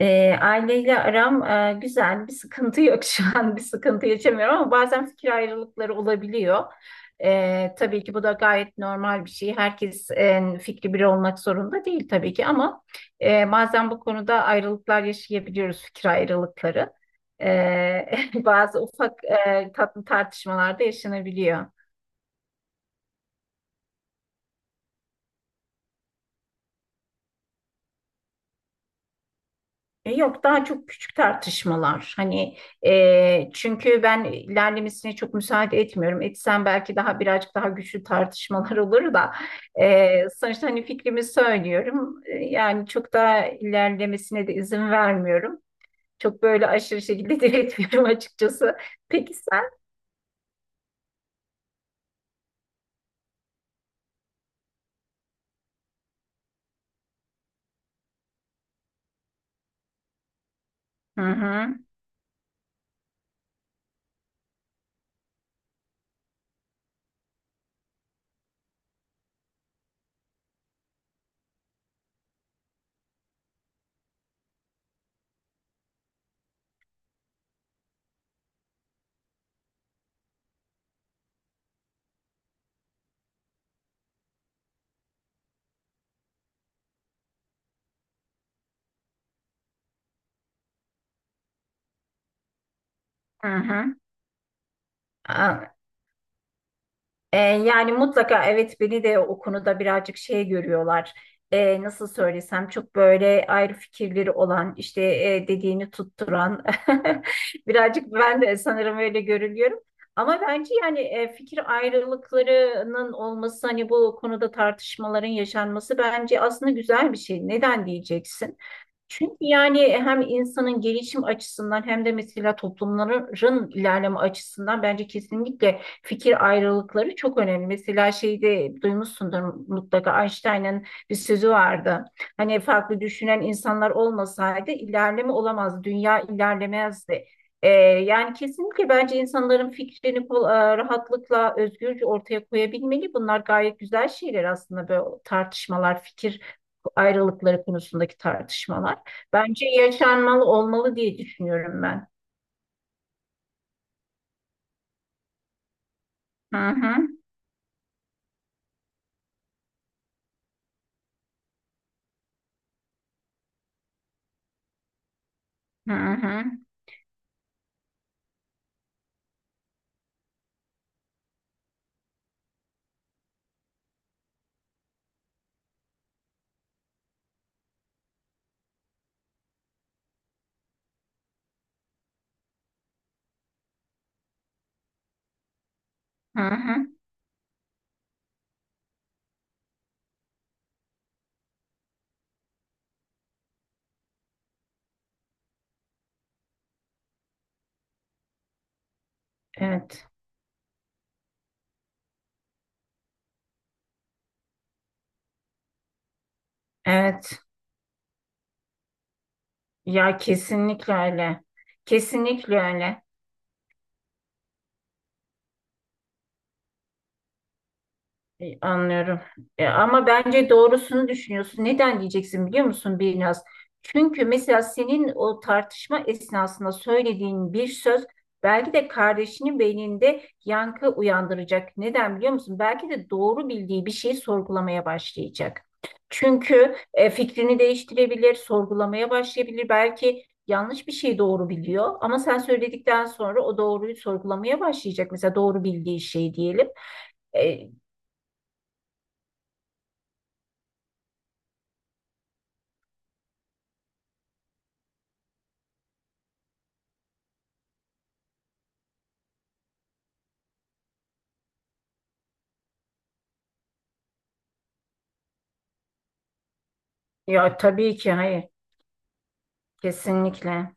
Aileyle aram güzel, bir sıkıntı yok şu an, bir sıkıntı yaşamıyorum ama bazen fikir ayrılıkları olabiliyor. Tabii ki bu da gayet normal bir şey. Herkes fikri biri olmak zorunda değil tabii ki ama bazen bu konuda ayrılıklar yaşayabiliyoruz, fikir ayrılıkları. Bazı ufak tatlı tartışmalar da yaşanabiliyor. Yok, daha çok küçük tartışmalar, hani çünkü ben ilerlemesine çok müsaade etmiyorum, etsem belki daha birazcık daha güçlü tartışmalar olur da sonuçta hani fikrimi söylüyorum. Yani çok daha ilerlemesine de izin vermiyorum, çok böyle aşırı şekilde diretmiyorum açıkçası. Peki sen? Hı hı, hı hı. Aa, yani mutlaka evet, beni de o konuda birazcık şey görüyorlar. Nasıl söylesem, çok böyle ayrı fikirleri olan, işte dediğini tutturan, birazcık ben de sanırım öyle görülüyorum. Ama bence yani fikir ayrılıklarının olması, hani bu konuda tartışmaların yaşanması bence aslında güzel bir şey. Neden diyeceksin? Çünkü yani hem insanın gelişim açısından hem de mesela toplumların ilerleme açısından bence kesinlikle fikir ayrılıkları çok önemli. Mesela şeyde duymuşsundur mutlaka, Einstein'ın bir sözü vardı. Hani farklı düşünen insanlar olmasaydı ilerleme olamazdı, dünya ilerlemezdi. Yani kesinlikle bence insanların fikrini rahatlıkla, özgürce ortaya koyabilmeli. Bunlar gayet güzel şeyler aslında, böyle tartışmalar, fikir ayrılıkları konusundaki tartışmalar. Bence yaşanmalı, olmalı diye düşünüyorum ben. Hı hı, hı hı, hı hı. Evet, evet. Ya kesinlikle öyle. Kesinlikle öyle. Anlıyorum. Ama bence doğrusunu düşünüyorsun. Neden diyeceksin biliyor musun Birnaz? Çünkü mesela senin o tartışma esnasında söylediğin bir söz belki de kardeşinin beyninde yankı uyandıracak. Neden biliyor musun? Belki de doğru bildiği bir şeyi sorgulamaya başlayacak. Çünkü fikrini değiştirebilir, sorgulamaya başlayabilir. Belki yanlış bir şey doğru biliyor ama sen söyledikten sonra o doğruyu sorgulamaya başlayacak. Mesela doğru bildiği şey diyelim. E, Ya tabii ki hayır. Kesinlikle.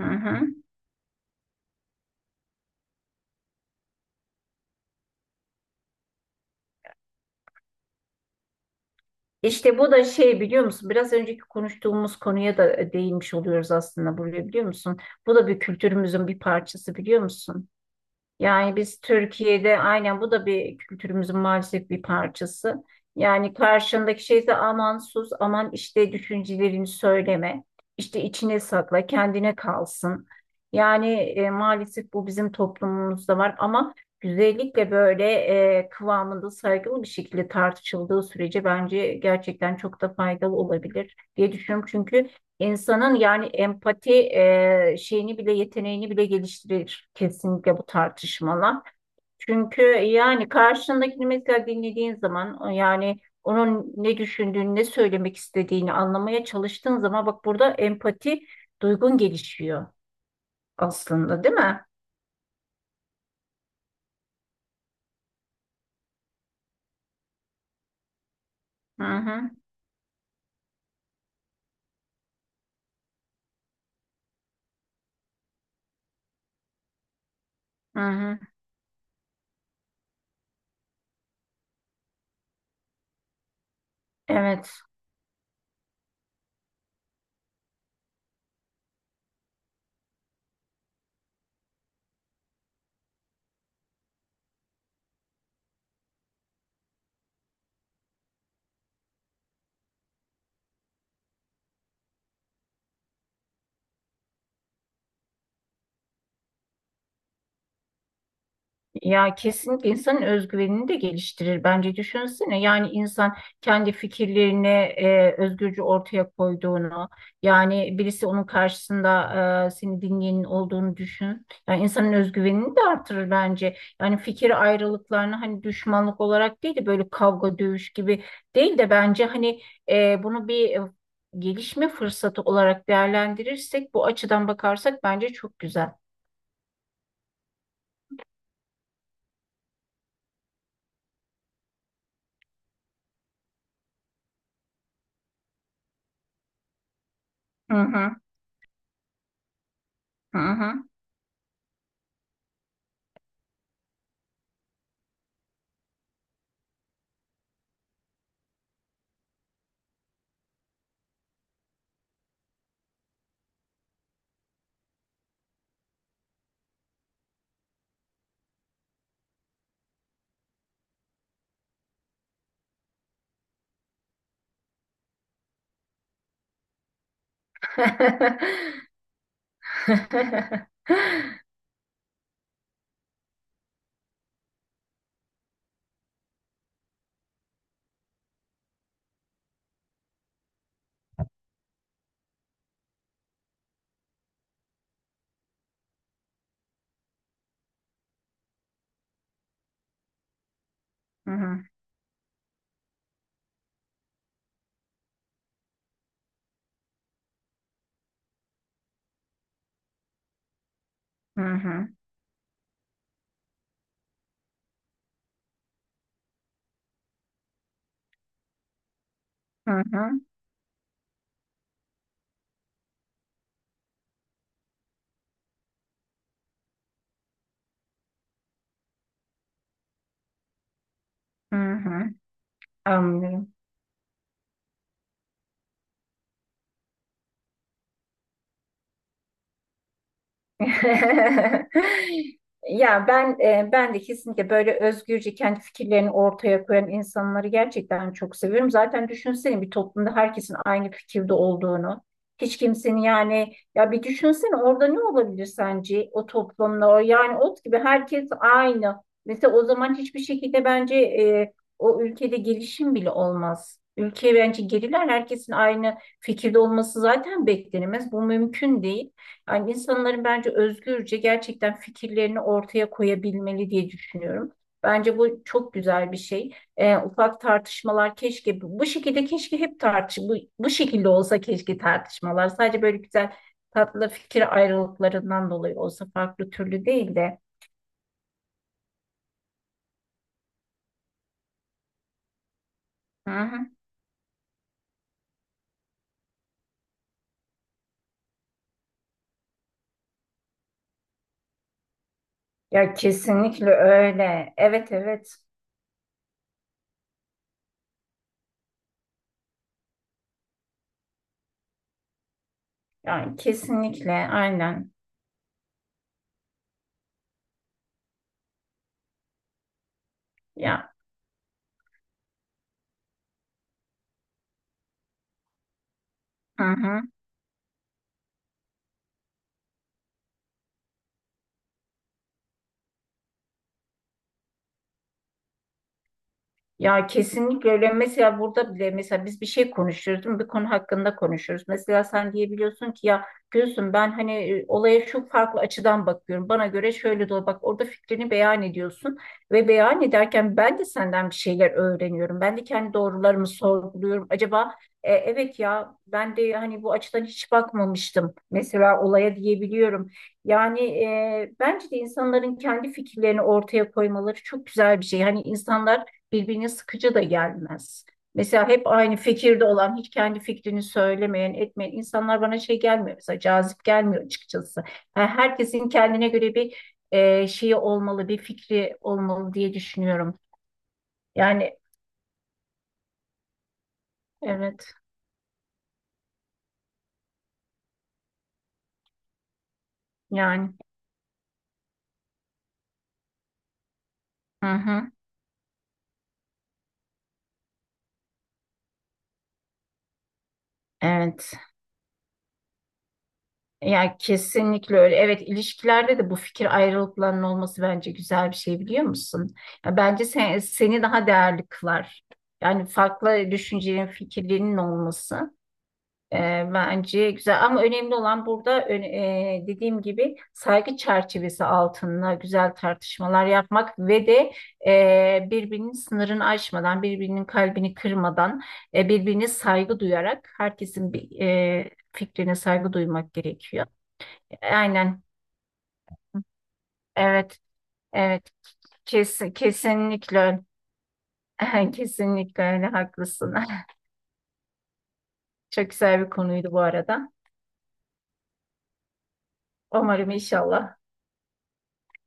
Hı hı. İşte bu da şey biliyor musun? Biraz önceki konuştuğumuz konuya da değinmiş oluyoruz aslında buraya, biliyor musun? Bu da bir kültürümüzün bir parçası, biliyor musun? Yani biz Türkiye'de aynen, bu da bir kültürümüzün maalesef bir parçası. Yani karşındaki şeyse aman sus, aman işte düşüncelerini söyleme, işte içine sakla, kendine kalsın. Yani maalesef bu bizim toplumumuzda var ama güzellikle böyle kıvamında saygılı bir şekilde tartışıldığı sürece bence gerçekten çok da faydalı olabilir diye düşünüyorum. Çünkü İnsanın yani empati şeyini bile, yeteneğini bile geliştirir kesinlikle bu tartışmalar. Çünkü yani karşındakini mesela dinlediğin zaman, o yani onun ne düşündüğünü, ne söylemek istediğini anlamaya çalıştığın zaman, bak burada empati duygun gelişiyor aslında, değil mi? Hı hı, hı hı. Evet. Ya kesinlikle insanın özgüvenini de geliştirir bence, düşünsene, yani insan kendi fikirlerini özgürce ortaya koyduğunu, yani birisi onun karşısında seni dinleyenin olduğunu düşün, yani insanın özgüvenini de artırır bence, yani fikir ayrılıklarını hani düşmanlık olarak değil de, böyle kavga dövüş gibi değil de, bence hani bunu bir gelişme fırsatı olarak değerlendirirsek, bu açıdan bakarsak bence çok güzel. Hı hı, hı hı. Hı hı, hı hı, hı hı, hı hı. Anlıyorum. Ya ben ben de kesinlikle böyle özgürce kendi fikirlerini ortaya koyan insanları gerçekten çok seviyorum. Zaten düşünsene, bir toplumda herkesin aynı fikirde olduğunu. Hiç kimsenin, yani ya bir düşünsene orada ne olabilir sence, o toplumda o yani ot gibi herkes aynı. Mesela o zaman hiçbir şekilde bence o ülkede gelişim bile olmaz. Ülke bence geriler, herkesin aynı fikirde olması zaten beklenemez. Bu mümkün değil. Yani insanların bence özgürce gerçekten fikirlerini ortaya koyabilmeli diye düşünüyorum. Bence bu çok güzel bir şey. Ufak tartışmalar, keşke bu şekilde, keşke hep bu şekilde olsa, keşke tartışmalar sadece böyle güzel tatlı fikir ayrılıklarından dolayı olsa, farklı türlü değil de. Hı hı. Ya kesinlikle öyle. Evet, evet. Yani kesinlikle aynen. Ya. Hı hı. Ya kesinlikle öyle. Mesela burada bile, mesela biz bir şey konuşuyoruz, değil mi? Bir konu hakkında konuşuyoruz. Mesela sen diyebiliyorsun ki, ya Gülsüm ben hani olaya şu farklı açıdan bakıyorum. Bana göre şöyle de bak, orada fikrini beyan ediyorsun ve beyan ederken ben de senden bir şeyler öğreniyorum. Ben de kendi doğrularımı sorguluyorum. Acaba evet ya, ben de hani bu açıdan hiç bakmamıştım. Mesela olaya diyebiliyorum. Yani bence de insanların kendi fikirlerini ortaya koymaları çok güzel bir şey. Hani insanlar birbirine sıkıcı da gelmez. Mesela hep aynı fikirde olan, hiç kendi fikrini söylemeyen, etmeyen insanlar bana şey gelmiyor. Mesela cazip gelmiyor açıkçası. Yani herkesin kendine göre bir şeyi olmalı, bir fikri olmalı diye düşünüyorum. Yani evet, yani hı hı, evet. Yani kesinlikle öyle. Evet, ilişkilerde de bu fikir ayrılıklarının olması bence güzel bir şey, biliyor musun? Ya bence sen, seni daha değerli kılar. Yani farklı düşüncelerin, fikirlerinin olması. E, Bence güzel, ama önemli olan burada, dediğim gibi, saygı çerçevesi altında güzel tartışmalar yapmak ve de birbirinin sınırını aşmadan, birbirinin kalbini kırmadan, birbirine saygı duyarak herkesin bir, fikrine saygı duymak gerekiyor. Aynen, evet, evet, Kes- kesinlikle, öyle. Kesinlikle öyle, haklısın. Çok güzel bir konuydu bu arada. Umarım, inşallah.